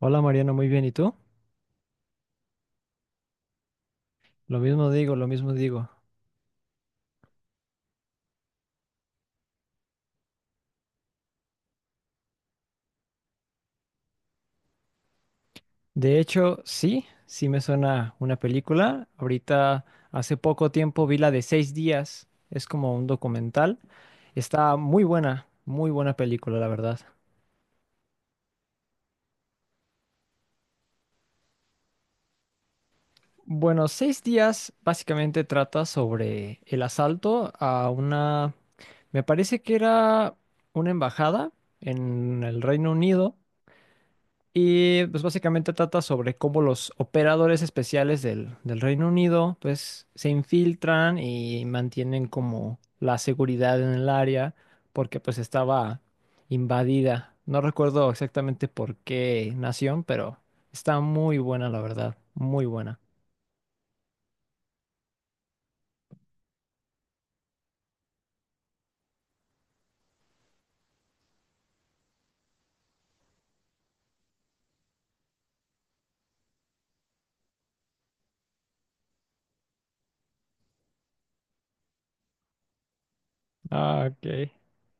Hola Mariano, muy bien. ¿Y tú? Lo mismo digo, lo mismo digo. De hecho, sí, sí me suena una película. Ahorita, hace poco tiempo vi la de seis días. Es como un documental. Está muy buena película, la verdad. Bueno, seis días básicamente trata sobre el asalto a una, me parece que era una embajada en el Reino Unido. Y pues básicamente trata sobre cómo los operadores especiales del Reino Unido pues se infiltran y mantienen como la seguridad en el área porque pues estaba invadida. No recuerdo exactamente por qué nación, pero está muy buena la verdad, muy buena. Ah, ok.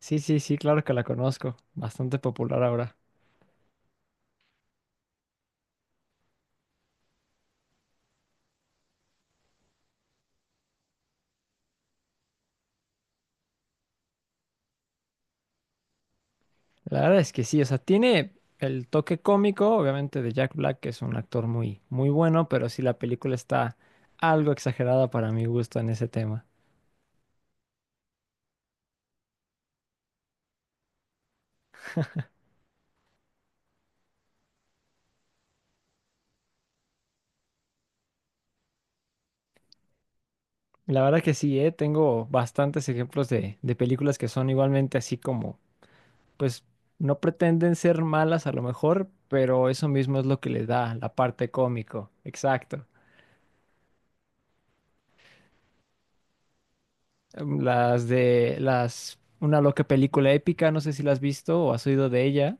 Sí, sí, sí, claro que la conozco. Bastante popular ahora. La verdad es que sí, o sea, tiene el toque cómico, obviamente, de Jack Black, que es un actor muy, muy bueno, pero sí la película está algo exagerada para mi gusto en ese tema. La verdad que sí, tengo bastantes ejemplos de películas que son igualmente así como, pues, no pretenden ser malas a lo mejor, pero eso mismo es lo que le da la parte cómico. Exacto. Las de las, una loca película épica, no sé si la has visto o has oído de ella.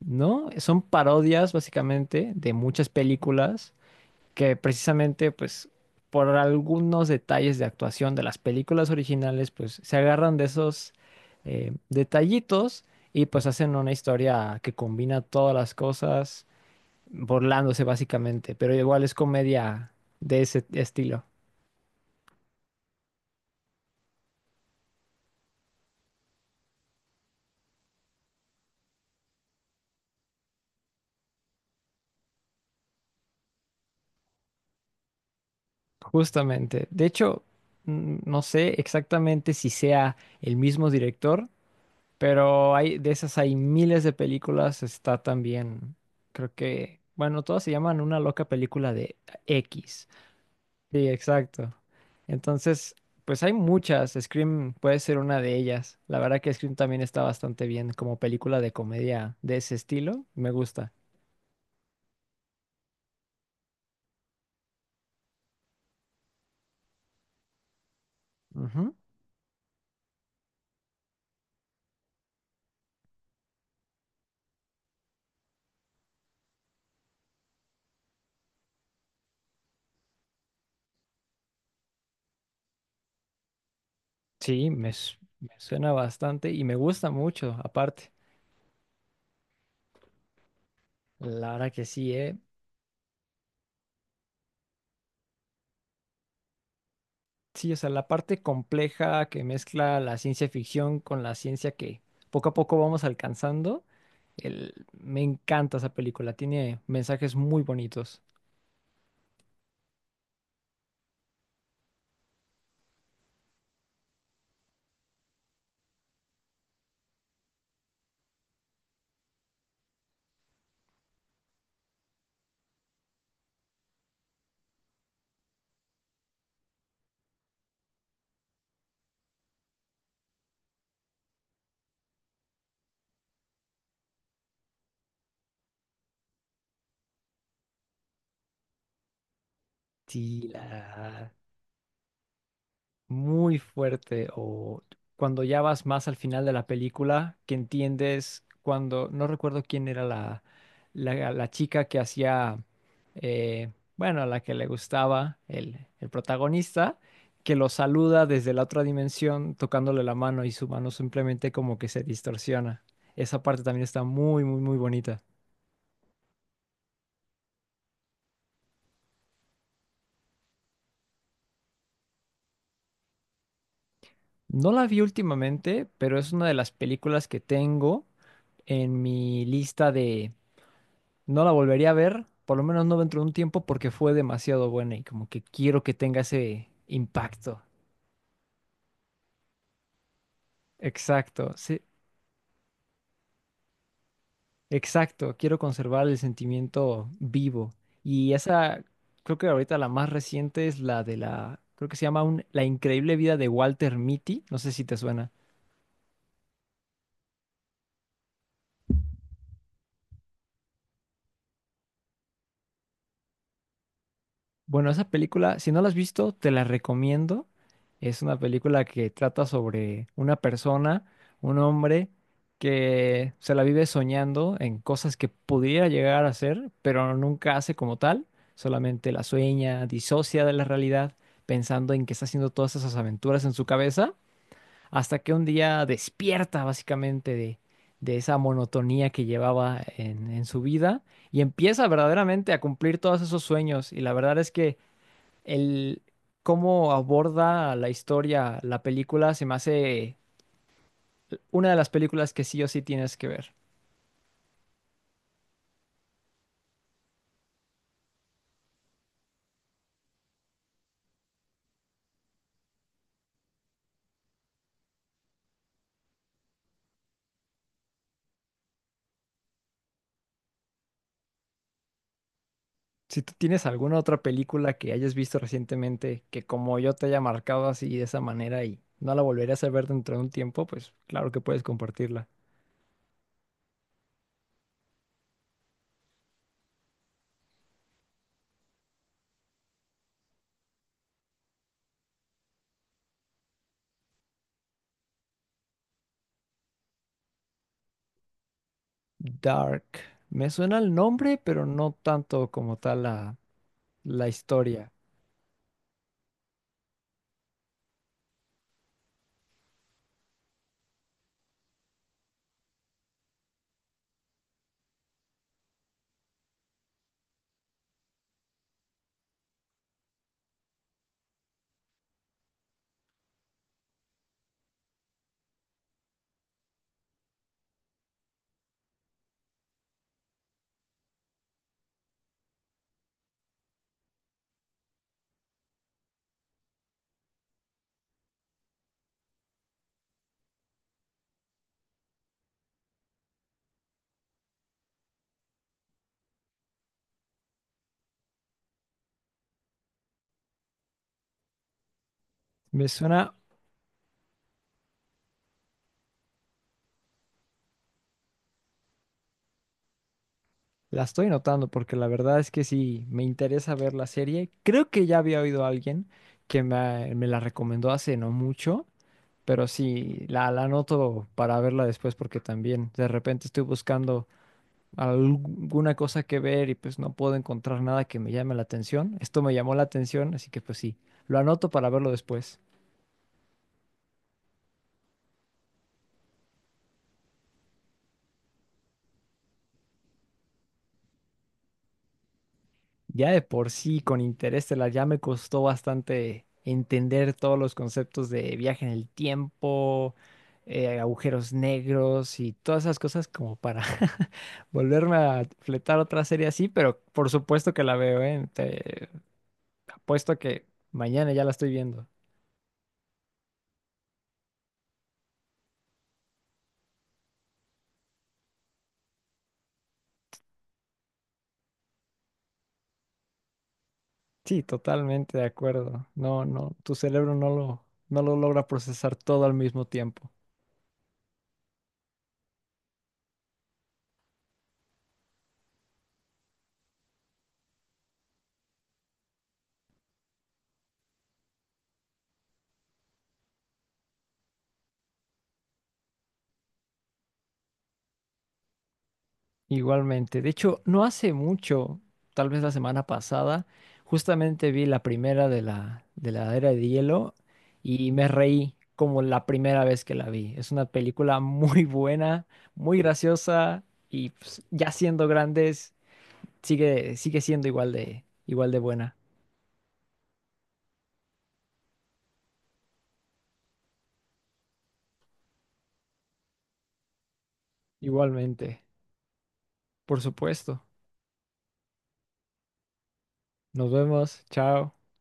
¿No? Son parodias básicamente de muchas películas que precisamente pues por algunos detalles de actuación de las películas originales pues se agarran de esos detallitos, y pues hacen una historia que combina todas las cosas burlándose básicamente, pero igual es comedia de ese estilo, justamente. De hecho, no sé exactamente si sea el mismo director. Pero hay, de esas hay miles de películas, está también, creo que, bueno, todas se llaman una loca película de X. Sí, exacto. Entonces, pues hay muchas, Scream puede ser una de ellas. La verdad que Scream también está bastante bien como película de comedia de ese estilo, me gusta. Ujú. Sí, me, me suena bastante y me gusta mucho, aparte. La verdad que sí, ¿eh? Sí, o sea, la parte compleja que mezcla la ciencia ficción con la ciencia que poco a poco vamos alcanzando. Me encanta esa película, tiene mensajes muy bonitos. Sí, la muy fuerte o cuando ya vas más al final de la película, que entiendes cuando, no recuerdo quién era la, la chica que hacía, bueno, a la que le gustaba el protagonista, que lo saluda desde la otra dimensión tocándole la mano y su mano simplemente como que se distorsiona. Esa parte también está muy, muy, muy bonita. No la vi últimamente, pero es una de las películas que tengo en mi lista. No la volvería a ver, por lo menos no dentro de un tiempo, porque fue demasiado buena y como que quiero que tenga ese impacto. Exacto, sí, exacto. Quiero conservar el sentimiento vivo. Y esa, creo que ahorita la más reciente es la de la, creo que se llama La increíble vida de Walter Mitty. No sé si te suena. Bueno, esa película, si no la has visto, te la recomiendo. Es una película que trata sobre una persona, un hombre, que se la vive soñando en cosas que pudiera llegar a ser, pero nunca hace como tal. Solamente la sueña, disocia de la realidad, pensando en que está haciendo todas esas aventuras en su cabeza, hasta que un día despierta básicamente de esa monotonía que llevaba en su vida y empieza verdaderamente a cumplir todos esos sueños. Y la verdad es que el cómo aborda la historia, la película, se me hace una de las películas que sí o sí tienes que ver. Si tú tienes alguna otra película que hayas visto recientemente que como yo te haya marcado así de esa manera y no la volverías a ver dentro de un tiempo, pues claro que puedes compartirla. Dark. Me suena el nombre, pero no tanto como tal la, la historia. Me suena. La estoy notando porque la verdad es que sí, me interesa ver la serie. Creo que ya había oído a alguien que me la recomendó hace no mucho, pero sí, la anoto para verla después porque también de repente estoy buscando alguna cosa que ver y pues no puedo encontrar nada que me llame la atención. Esto me llamó la atención, así que pues sí, lo anoto para verlo después. Ya de por sí, con Interestelar ya me costó bastante entender todos los conceptos de viaje en el tiempo, agujeros negros y todas esas cosas como para volverme a fletar otra serie así, pero por supuesto que la veo, ¿eh? Te apuesto que mañana ya la estoy viendo. Sí, totalmente de acuerdo. No, no, tu cerebro no lo, no lo logra procesar todo al mismo tiempo. Igualmente. De hecho, no hace mucho, tal vez la semana pasada, justamente vi la primera de la Era de Hielo y me reí como la primera vez que la vi. Es una película muy buena, muy graciosa y pues, ya siendo grandes, sigue, sigue siendo igual de buena. Igualmente. Por supuesto. Nos vemos. Chao.